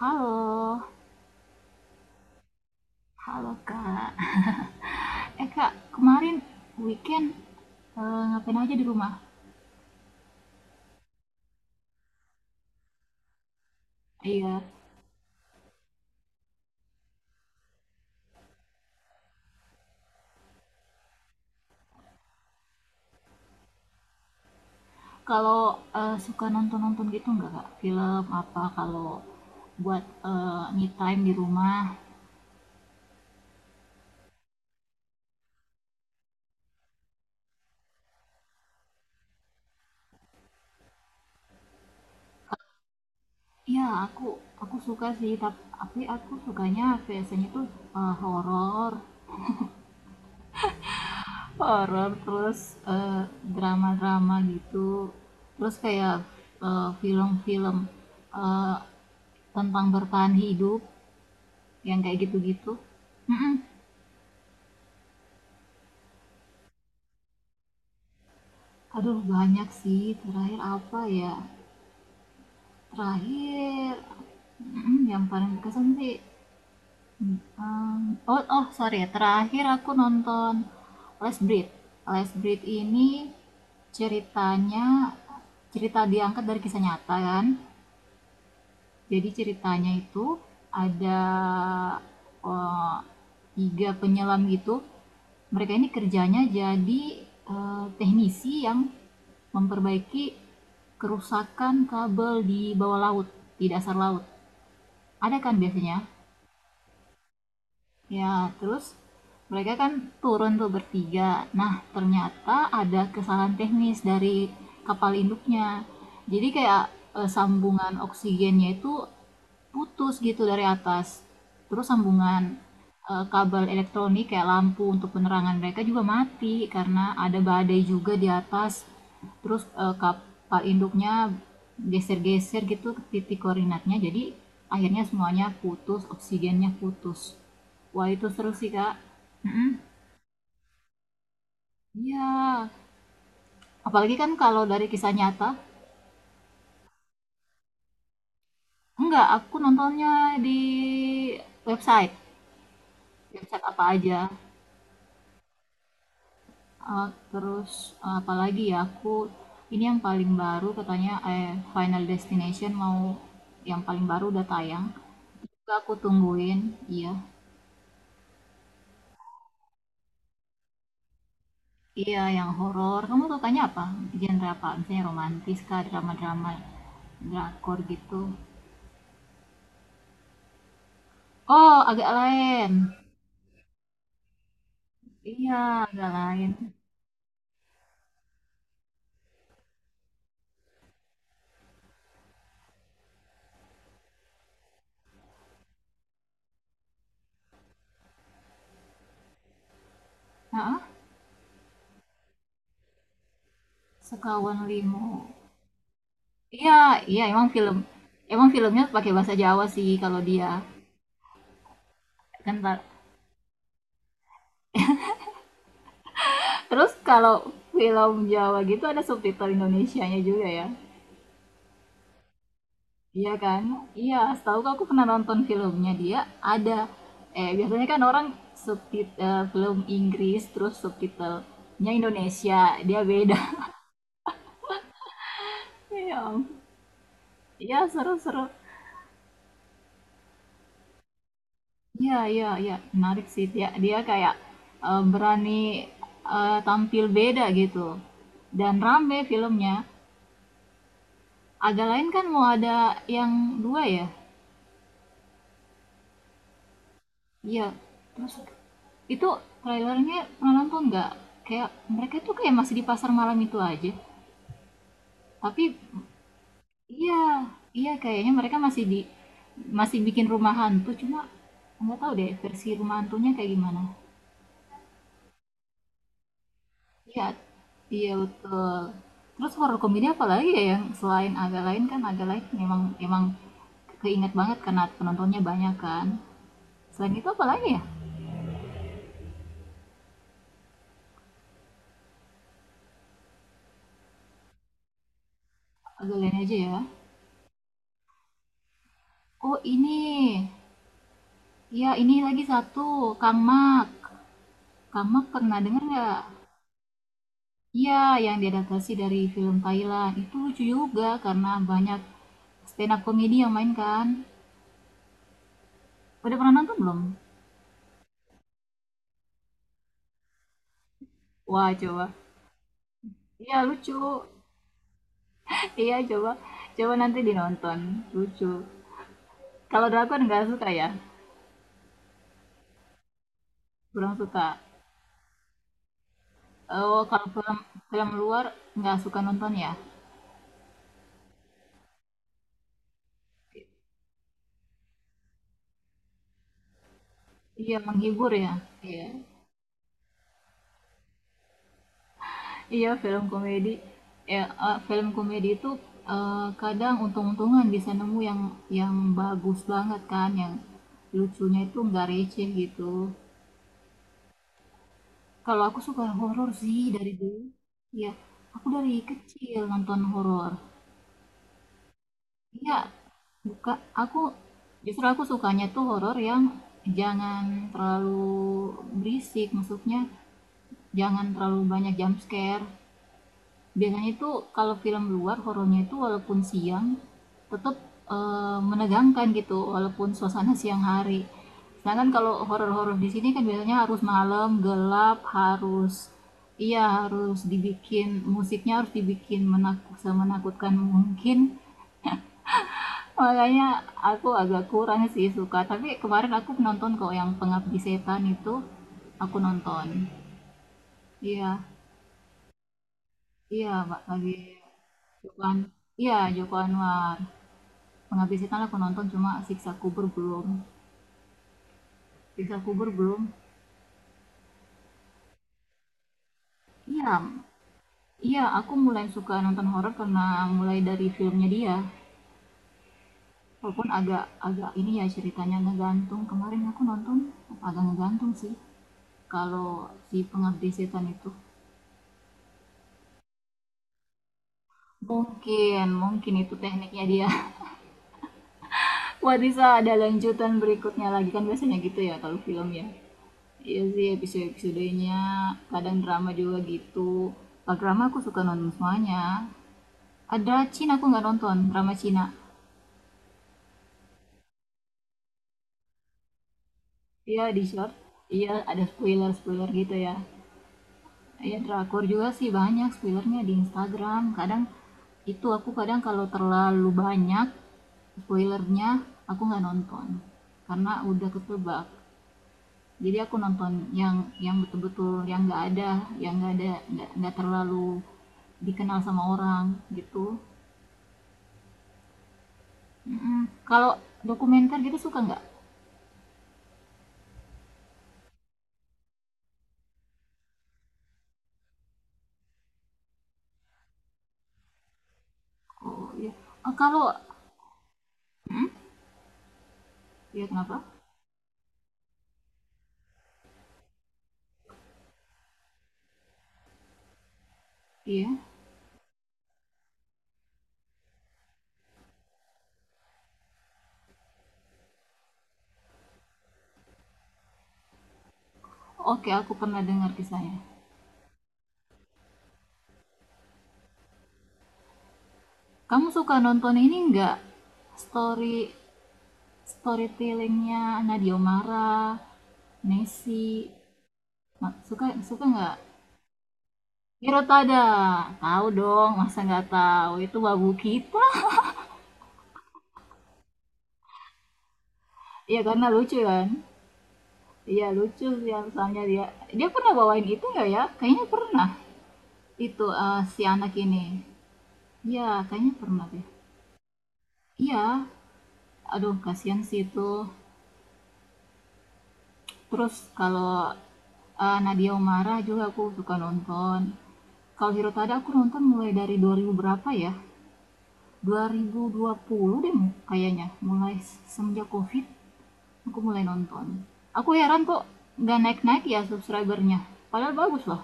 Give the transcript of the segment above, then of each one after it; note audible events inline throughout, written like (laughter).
Halo, halo Kak. Eh Kak, kemarin weekend ngapain aja di rumah? Iya. Kalau suka nonton-nonton gitu nggak Kak? Film apa kalau buat me time di rumah? Iya, aku suka sih, tapi aku sukanya biasanya tuh horor, horor terus eh, drama-drama gitu. Terus kayak film-film eh, tentang bertahan hidup yang kayak gitu-gitu. Mm-mm. Aduh banyak sih. Terakhir apa ya? Terakhir yang paling berkesan sih. mm, um, oh, sorry ya. Terakhir aku nonton Les Breed. Les Breed ini ceritanya cerita diangkat dari kisah nyata kan. Jadi ceritanya itu ada, eee, 3 penyelam gitu. Mereka ini kerjanya jadi, teknisi yang memperbaiki kerusakan kabel di bawah laut, di dasar laut. Ada kan biasanya? Ya, terus mereka kan turun tuh bertiga. Nah, ternyata ada kesalahan teknis dari kapal induknya. Jadi kayak sambungan oksigennya itu putus gitu dari atas. Terus sambungan kabel elektronik kayak lampu untuk penerangan mereka juga mati karena ada badai juga di atas, terus kapal induknya geser-geser gitu titik koordinatnya, jadi akhirnya semuanya putus, oksigennya putus. Wah itu seru sih Kak. Mm-mm. Iya, apalagi kan kalau dari kisah nyata. Enggak, aku nontonnya di website, website apa aja. Terus apalagi ya, aku ini yang paling baru katanya Final Destination mau yang paling baru udah tayang. Itu aku tungguin, iya. Iya, yang horor. Kamu sukanya apa? Genre apa? Misalnya romantis kah, drama-drama, drakor gitu. Oh, agak lain. Iya, agak lain. Heeh, Sekawan Limu. Iya, iya emang film. Emang filmnya pakai bahasa Jawa sih kalau dia. Kan, Pak. Terus kalau film Jawa gitu ada subtitle Indonesianya juga ya. Iya kan? Iya, setahuku aku pernah nonton filmnya dia ada, biasanya kan orang subtitle film Inggris terus subtitlenya Indonesia, dia beda. (laughs) Iya, ampun. Iya, seru-seru. Iya iya iya, menarik sih, dia dia kayak berani tampil beda gitu dan rame filmnya. Agak lain kan mau ada yang dua ya? Iya, terus itu trailernya pernah nonton nggak? Kayak mereka tuh kayak masih di pasar malam itu aja. Tapi iya, iya kayaknya mereka masih di masih bikin rumah hantu, cuma nggak tahu deh versi rumah hantunya kayak gimana. Iya, iya betul. Terus horor komedi apa lagi ya, yang selain agak lain. Kan agak lain memang emang keinget banget karena penontonnya banyak kan. Selain itu apa lagi ya? Agak lain aja ya. Oh ini, iya, ini lagi satu, Kang Mak. Kang Mak pernah dengar nggak? Iya, yang diadaptasi dari film Thailand. Itu lucu juga karena banyak stand up comedy yang main kan. Udah pernah nonton belum? Wah, coba. Iya, lucu. (laughs) Iya, coba. Coba nanti dinonton. Lucu. Kalau drakor nggak suka ya? Kurang suka. Oh, kalau film, film luar nggak suka nonton ya? Iya, menghibur ya? Iya. Iya, film komedi. Ya, film komedi itu, eee, kadang untung-untungan bisa nemu yang bagus banget kan, yang lucunya itu nggak receh gitu. Kalau aku suka horor sih dari dulu. Iya, aku dari kecil nonton horor. Iya, buka aku justru aku sukanya tuh horor yang jangan terlalu berisik, maksudnya jangan terlalu banyak jump scare. Biasanya itu kalau film luar, horornya itu walaupun siang tetep, menegangkan gitu walaupun suasana siang hari. Sedangkan kalau horor-horor di sini kan biasanya harus malam, gelap, harus, iya harus dibikin, musiknya harus dibikin semenakutkan mungkin. Makanya aku agak kurang sih suka, tapi kemarin aku nonton kok yang Pengabdi Setan itu, aku nonton. Iya iya, Mbak, lagi Joko An iya, Joko Anwar. Pengabdi Setan aku nonton, cuma Siksa Kubur belum. Siksa Kubur belum. Iya, iya aku mulai suka nonton horor karena mulai dari filmnya dia. Walaupun agak agak ini ya ceritanya ngegantung. Kemarin aku nonton agak ngegantung sih. Kalau si Pengabdi Setan itu, mungkin mungkin itu tekniknya dia. (laughs) Wah bisa ada lanjutan berikutnya lagi kan, biasanya gitu ya kalau film ya. Iya sih episode-episodenya, kadang drama juga gitu. Kalau drama aku suka nonton semuanya. Ada Cina aku nggak nonton, drama Cina. Iya di short, iya ada spoiler-spoiler gitu ya. Iya drakor juga sih banyak spoilernya di Instagram. Kadang itu aku kadang kalau terlalu banyak spoilernya, aku nggak nonton karena udah ketebak. Jadi aku nonton yang betul-betul yang nggak ada, yang nggak ada, nggak terlalu dikenal sama orang gitu. Mm-mm. Kalau dokumenter gitu suka nggak? Oh iya. Ah, kalau, iya kenapa, iya oke, aku pernah dengar kisahnya. Kamu suka nonton ini nggak, story storytellingnya Nadia Omara Messi? Ma- suka suka nggak, Hirotada? Tahu dong, masa nggak tahu, itu babu kita. Iya karena lucu kan. Iya lucu sih soalnya dia. Dia pernah bawain itu nggak ya? Kayaknya pernah. Itu si anak ini. Iya kayaknya pernah deh. Iya. Aduh kasihan sih itu. Terus kalau Nadia Umara juga aku suka nonton. Kalau Hirotada aku nonton mulai dari 2000 berapa ya? Dua 2020 deh kayaknya. Mulai semenjak COVID aku mulai nonton. Aku heran kok nggak naik-naik ya subscribernya. Padahal bagus loh.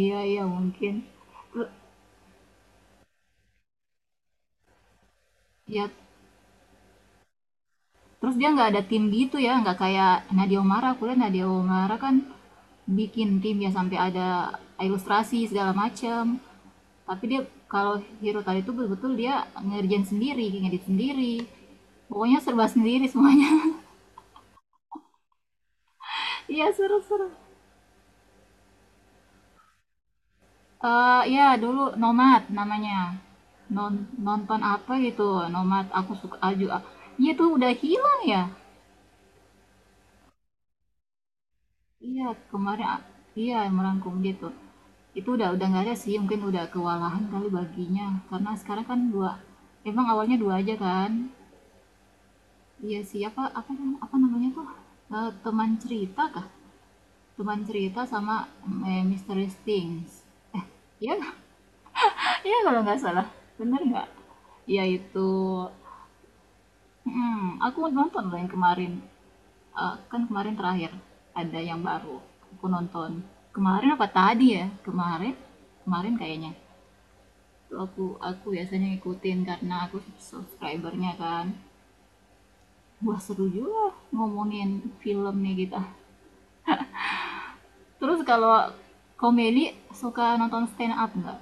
Iya iya mungkin. Teru Ya, terus dia nggak ada tim gitu ya, nggak kayak Nadia Oomara. Aku lihat Nadia Oomara kan bikin tim ya, sampai ada ilustrasi segala macem. Tapi dia, kalau Hero tadi itu, betul-betul dia ngerjain sendiri, ngedit sendiri. Pokoknya serba sendiri semuanya. (laughs) Iya seru-seru. Eh ya dulu Nomad namanya. Non Nonton apa gitu, Nomad aku suka aju. Ah. Iya tuh udah hilang ya. Iya, kemarin iya, merangkum gitu. Itu udah nggak ada sih, mungkin udah kewalahan kali baginya. Karena sekarang kan dua, emang awalnya 2 aja kan? Iya sih, apa apa, apa namanya tuh? Teman cerita kah? Teman cerita sama, Mysterious Things. Iya, (laughs) nggak? Iya kalau nggak salah, bener nggak? Iya itu. Mhm, aku nonton loh yang kemarin. Kan kemarin terakhir ada yang baru aku nonton, kemarin apa tadi ya, kemarin kemarin kayaknya, itu aku biasanya ngikutin karena aku subscribernya kan. Wah seru juga ngomongin film nih kita. Terus kalau komedi, suka nonton stand up nggak?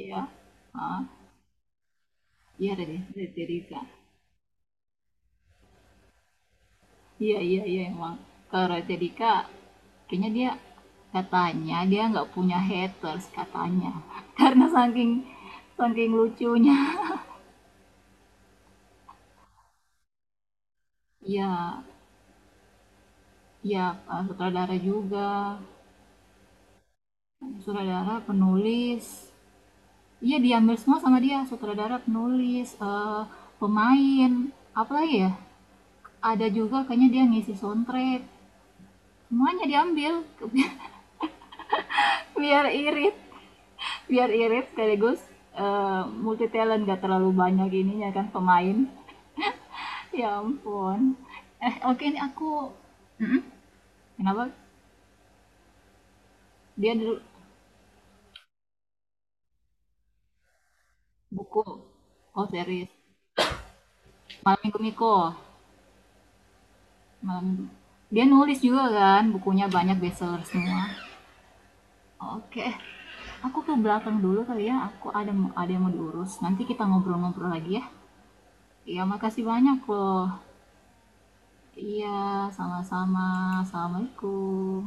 Iya, ah iya deh, dari Rika. Iya iya iya emang. Kalau Raditya Dika, kayaknya dia, katanya dia nggak punya haters katanya. (laughs) Karena saking saking lucunya. Iya, iya sutradara juga. Sutradara, penulis. Iya diambil semua sama dia, sutradara, penulis, pemain, apa lagi ya? Ada juga kayaknya dia ngisi soundtrack. Semuanya diambil. (laughs) Biar irit. Biar irit sekaligus multi talent, gak terlalu banyak ininya, kan pemain. (laughs) Ya ampun, oke ini aku. Mm-mm. Kenapa dia dulu buku, oh series, malam minggu Miko. Malam minggu dia nulis juga kan, bukunya banyak bestseller semua. Oke aku ke belakang dulu kali ya, aku ada yang mau diurus, nanti kita ngobrol-ngobrol lagi ya. Iya, makasih banyak loh. Iya sama-sama. Assalamualaikum.